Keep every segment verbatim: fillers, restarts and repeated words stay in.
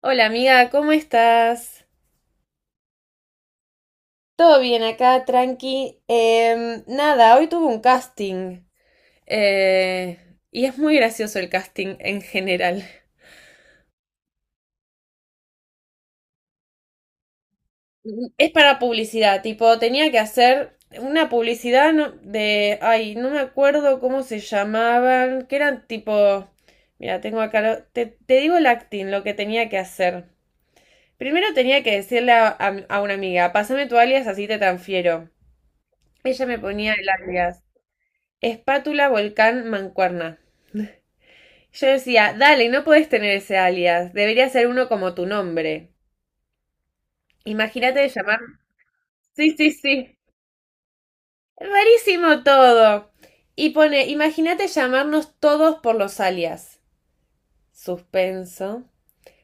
Hola amiga, ¿cómo estás? Todo bien acá, tranqui. Em, nada, hoy tuve un casting. Eh, y es muy gracioso el casting en general. Es para publicidad, tipo, tenía que hacer una publicidad no- de, ay, no me acuerdo cómo se llamaban, que eran tipo, mira, tengo acá, lo- te, te digo el acting, lo que tenía que hacer. Primero tenía que decirle a, a- a una amiga, pásame tu alias, así te transfiero. Ella me ponía el alias. Espátula Volcán Mancuerna. Yo decía, dale, no podés tener ese alias, debería ser uno como tu nombre. Imagínate de llamar... Sí, sí, sí. Rarísimo todo. Y pone, imagínate llamarnos todos por los alias. Suspenso.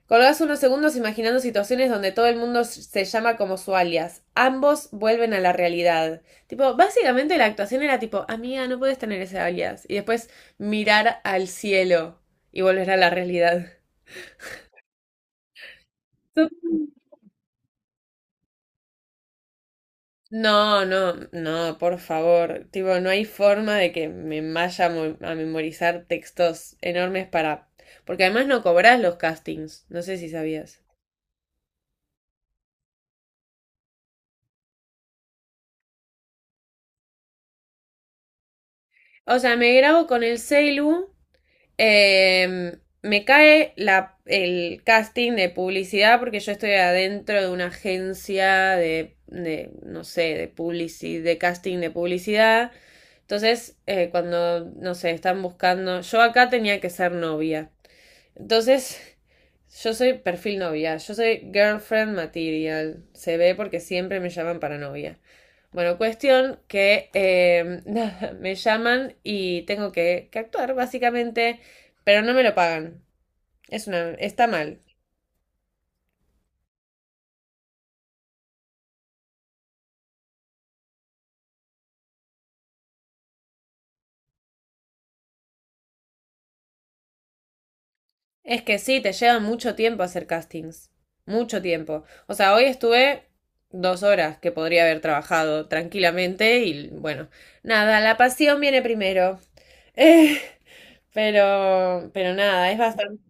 Colgás unos segundos imaginando situaciones donde todo el mundo se llama como su alias. Ambos vuelven a la realidad. Tipo, básicamente la actuación era tipo, amiga, no puedes tener ese alias. Y después mirar al cielo y volver a la realidad. Tú- No, no, no, por favor. Tipo, no hay forma de que me vaya a mo- a memorizar textos enormes para... Porque además no cobras los castings, no sé si sabías. O sea, me grabo con el celu, em, me cae la, el casting de publicidad porque yo estoy adentro de una agencia de, de, no sé, de publici- de casting de publicidad. Entonces, eh, cuando, no sé, están buscando... Yo acá tenía que ser novia. Entonces, yo soy perfil novia, yo soy girlfriend material. Se ve porque siempre me llaman para novia. Bueno, cuestión que eh, nada, me llaman y tengo que, que actuar, básicamente, pero no me lo pagan. Es una, está mal. Es que sí, te lleva mucho tiempo hacer castings. Mucho tiempo. O sea, hoy estuve dos horas que podría haber trabajado tranquilamente y bueno, nada, la pasión viene primero. Eh, pero, pero nada, es bastante.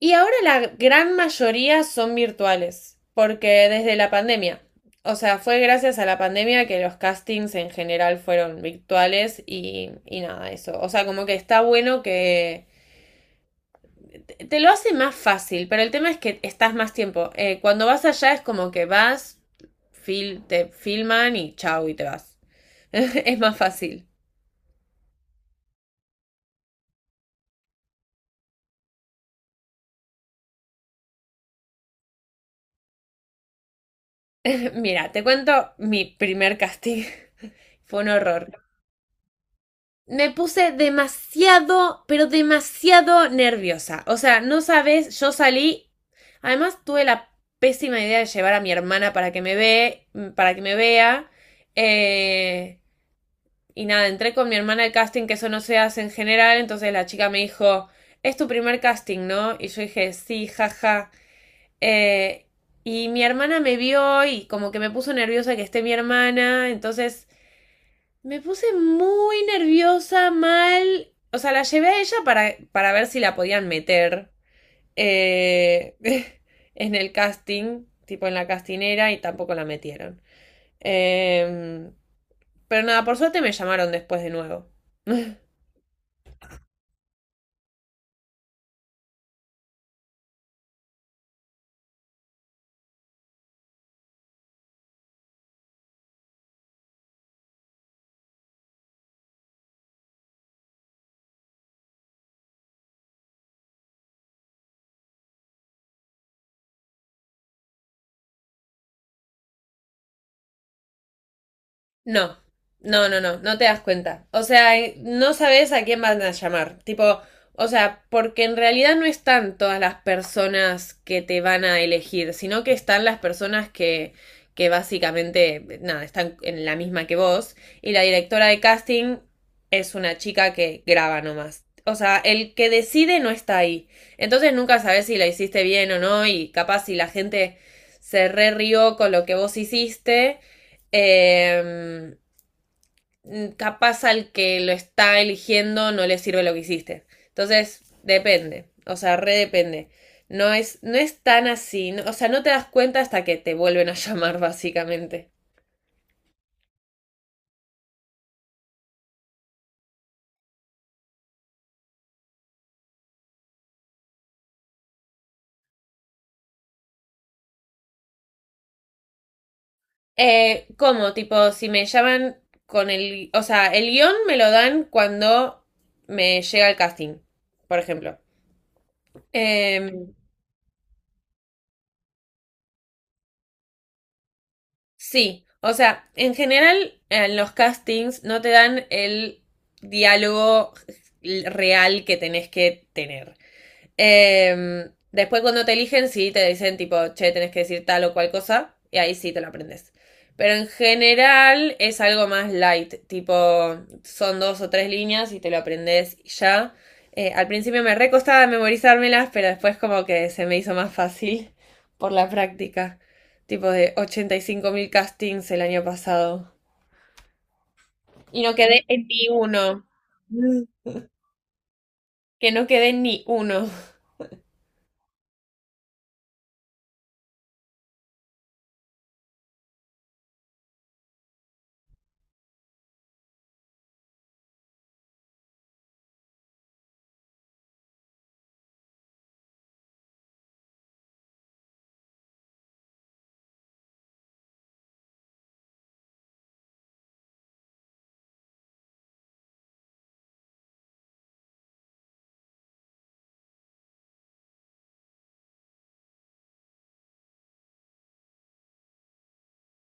Y ahora la gran mayoría son virtuales, porque desde la pandemia. O sea, fue gracias a la pandemia que los castings en general fueron virtuales y, y nada, eso. O sea, como que está bueno que te lo hace más fácil, pero el tema es que estás más tiempo. Eh, cuando vas allá es como que vas, fil te filman y chau y te vas. Es más fácil. Mira, te cuento mi primer casting. Fue un horror. Me puse demasiado, pero demasiado nerviosa. O sea, no sabes, yo salí. Además, tuve la pésima idea de llevar a mi hermana para que me ve, para que me vea. Eh, Y nada, entré con mi hermana al casting, que eso no se hace en general, entonces la chica me dijo, es tu primer casting, ¿no? Y yo dije, sí, jaja. Eh, y mi hermana me vio y como que me puso nerviosa que esté mi hermana, entonces me puse muy nerviosa, mal. O sea, la llevé a ella para, para ver si la podían meter eh, en el casting, tipo en la castinera, y tampoco la metieron. Eh, pero nada, por suerte me llamaron después de nuevo. No, no, no, no, no te das cuenta. O sea, eh, no sabes a quién van a llamar. Tipo, o sea, porque en realidad no están todas las personas que te van a elegir, sino que están las personas que, que básicamente, nada, están en la misma que vos. Y la directora de casting es una chica que graba nomás. O sea, el que decide no está ahí. Entonces nunca sabes si la hiciste bien o no y capaz si la gente se re rió con lo que vos hiciste. Eh, mm, capaz al que lo está eligiendo no le sirve lo que hiciste. Entonces, depende, o sea, re depende. No es, no es tan así, no- o sea, no te das cuenta hasta que te vuelven a llamar, básicamente. Eh, ¿cómo? Tipo, si me llaman con el, o sea, el guión me lo dan cuando me llega el casting, por ejemplo. Em, Sí, o sea, en general en los castings no te dan el diálogo real que tenés que tener. Eh, después cuando te eligen, sí, te dicen tipo, che, tenés que decir tal o cual cosa, y ahí sí te lo aprendes. Pero en general es algo más light, tipo, son dos o tres líneas y te lo aprendes y ya. Eh, al principio me recostaba memorizármelas, pero después como que se me hizo más fácil por la práctica. Tipo de ochenta y cinco mil castings el año pasado. Y no quedé en ni uno. Mm. Que no quedé en ni uno.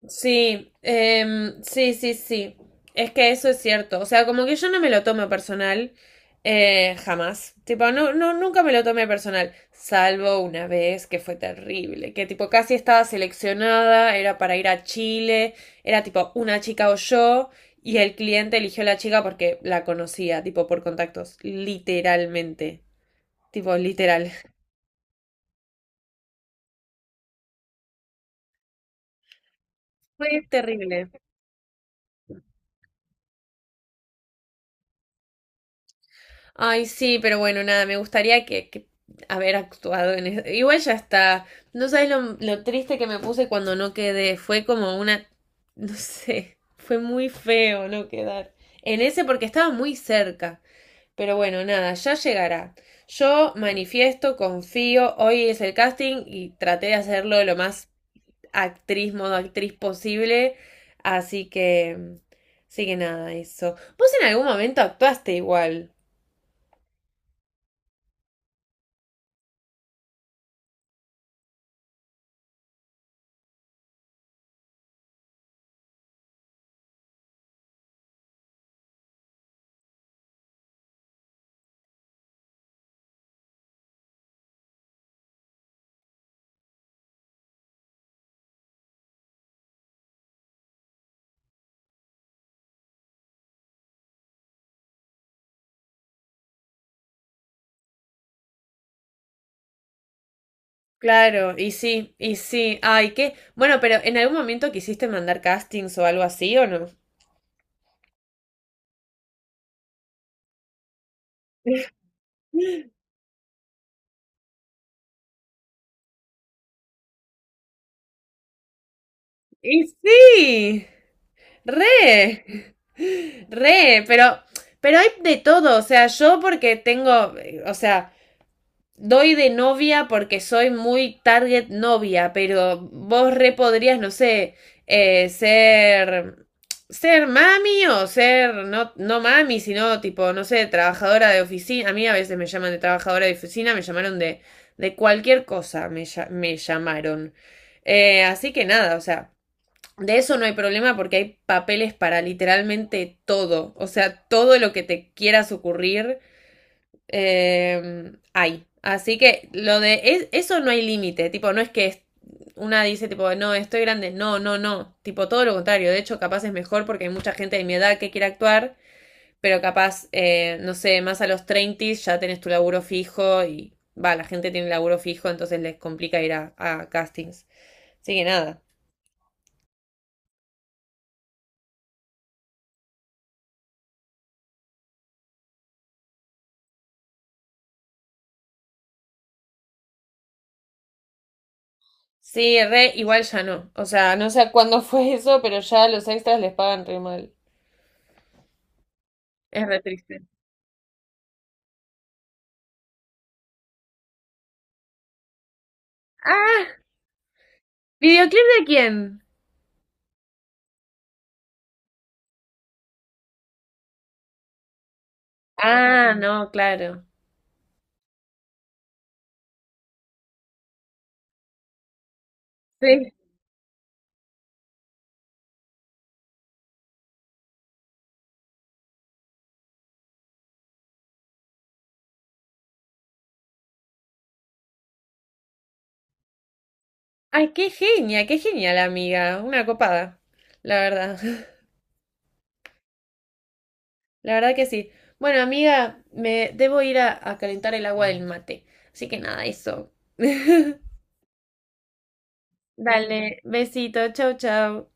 Sí, em, sí, sí, sí. Es que eso es cierto. O sea, como que yo no me lo tomo personal, eh, jamás. Tipo, no, no, nunca me lo tomé personal, salvo una vez que fue terrible, que tipo casi estaba seleccionada, era para ir a Chile, era tipo una chica o yo, y el cliente eligió a la chica porque la conocía, tipo por contactos, literalmente. Tipo, literal. Fue terrible. Ay, sí, pero bueno, nada, me gustaría que, que haber actuado en eso. Igual ya está. No sabes lo, lo triste que me puse cuando no quedé. Fue como una, no sé, fue muy feo no quedar. En ese porque estaba muy cerca. Pero bueno, nada, ya llegará. Yo manifiesto, confío, hoy es el casting y traté de hacerlo lo más actriz, modo actriz posible. Así que, sí que nada, eso. Vos en algún momento actuaste igual. Claro, y sí, y sí. Ay, qué. Bueno, pero ¿en algún momento quisiste mandar castings o algo así o no? Y sí. Re, re, pero, pero hay de todo, o sea, yo porque tengo, eh, o sea, doy de novia porque soy muy target novia, pero vos re podrías, no sé, eh, ser ser mami o ser no, no mami, sino tipo, no sé, trabajadora de oficina. A mí a veces me llaman de trabajadora de oficina, me llamaron de, de cualquier cosa, me, me llamaron. Eh, así que nada, o sea, de eso no hay problema porque hay papeles para literalmente todo, o sea, todo lo que te quieras ocurrir eh, hay. Así que lo de es- eso no hay límite, tipo, no es que es- una dice tipo, no, estoy grande, no, no, no, tipo, todo lo contrario, de hecho capaz es mejor porque hay mucha gente de mi edad que quiere actuar, pero capaz, eh, no sé, más a los treinta ya tenés tu laburo fijo y va, la gente tiene laburo fijo, entonces les complica ir a, a castings. Así que nada. Sí, re, igual ya no. O sea, no sé cuándo fue eso, pero ya los extras les pagan re mal. Es re triste. ¡Ah! ¿Videoclip de quién? Ah, no, claro. Sí. Ay, qué genia, qué genial, amiga. Una copada, la verdad. La verdad que sí. Bueno, amiga, me debo ir a, a calentar el agua del mate. Así que nada, eso. Dale, besito, chau, chau.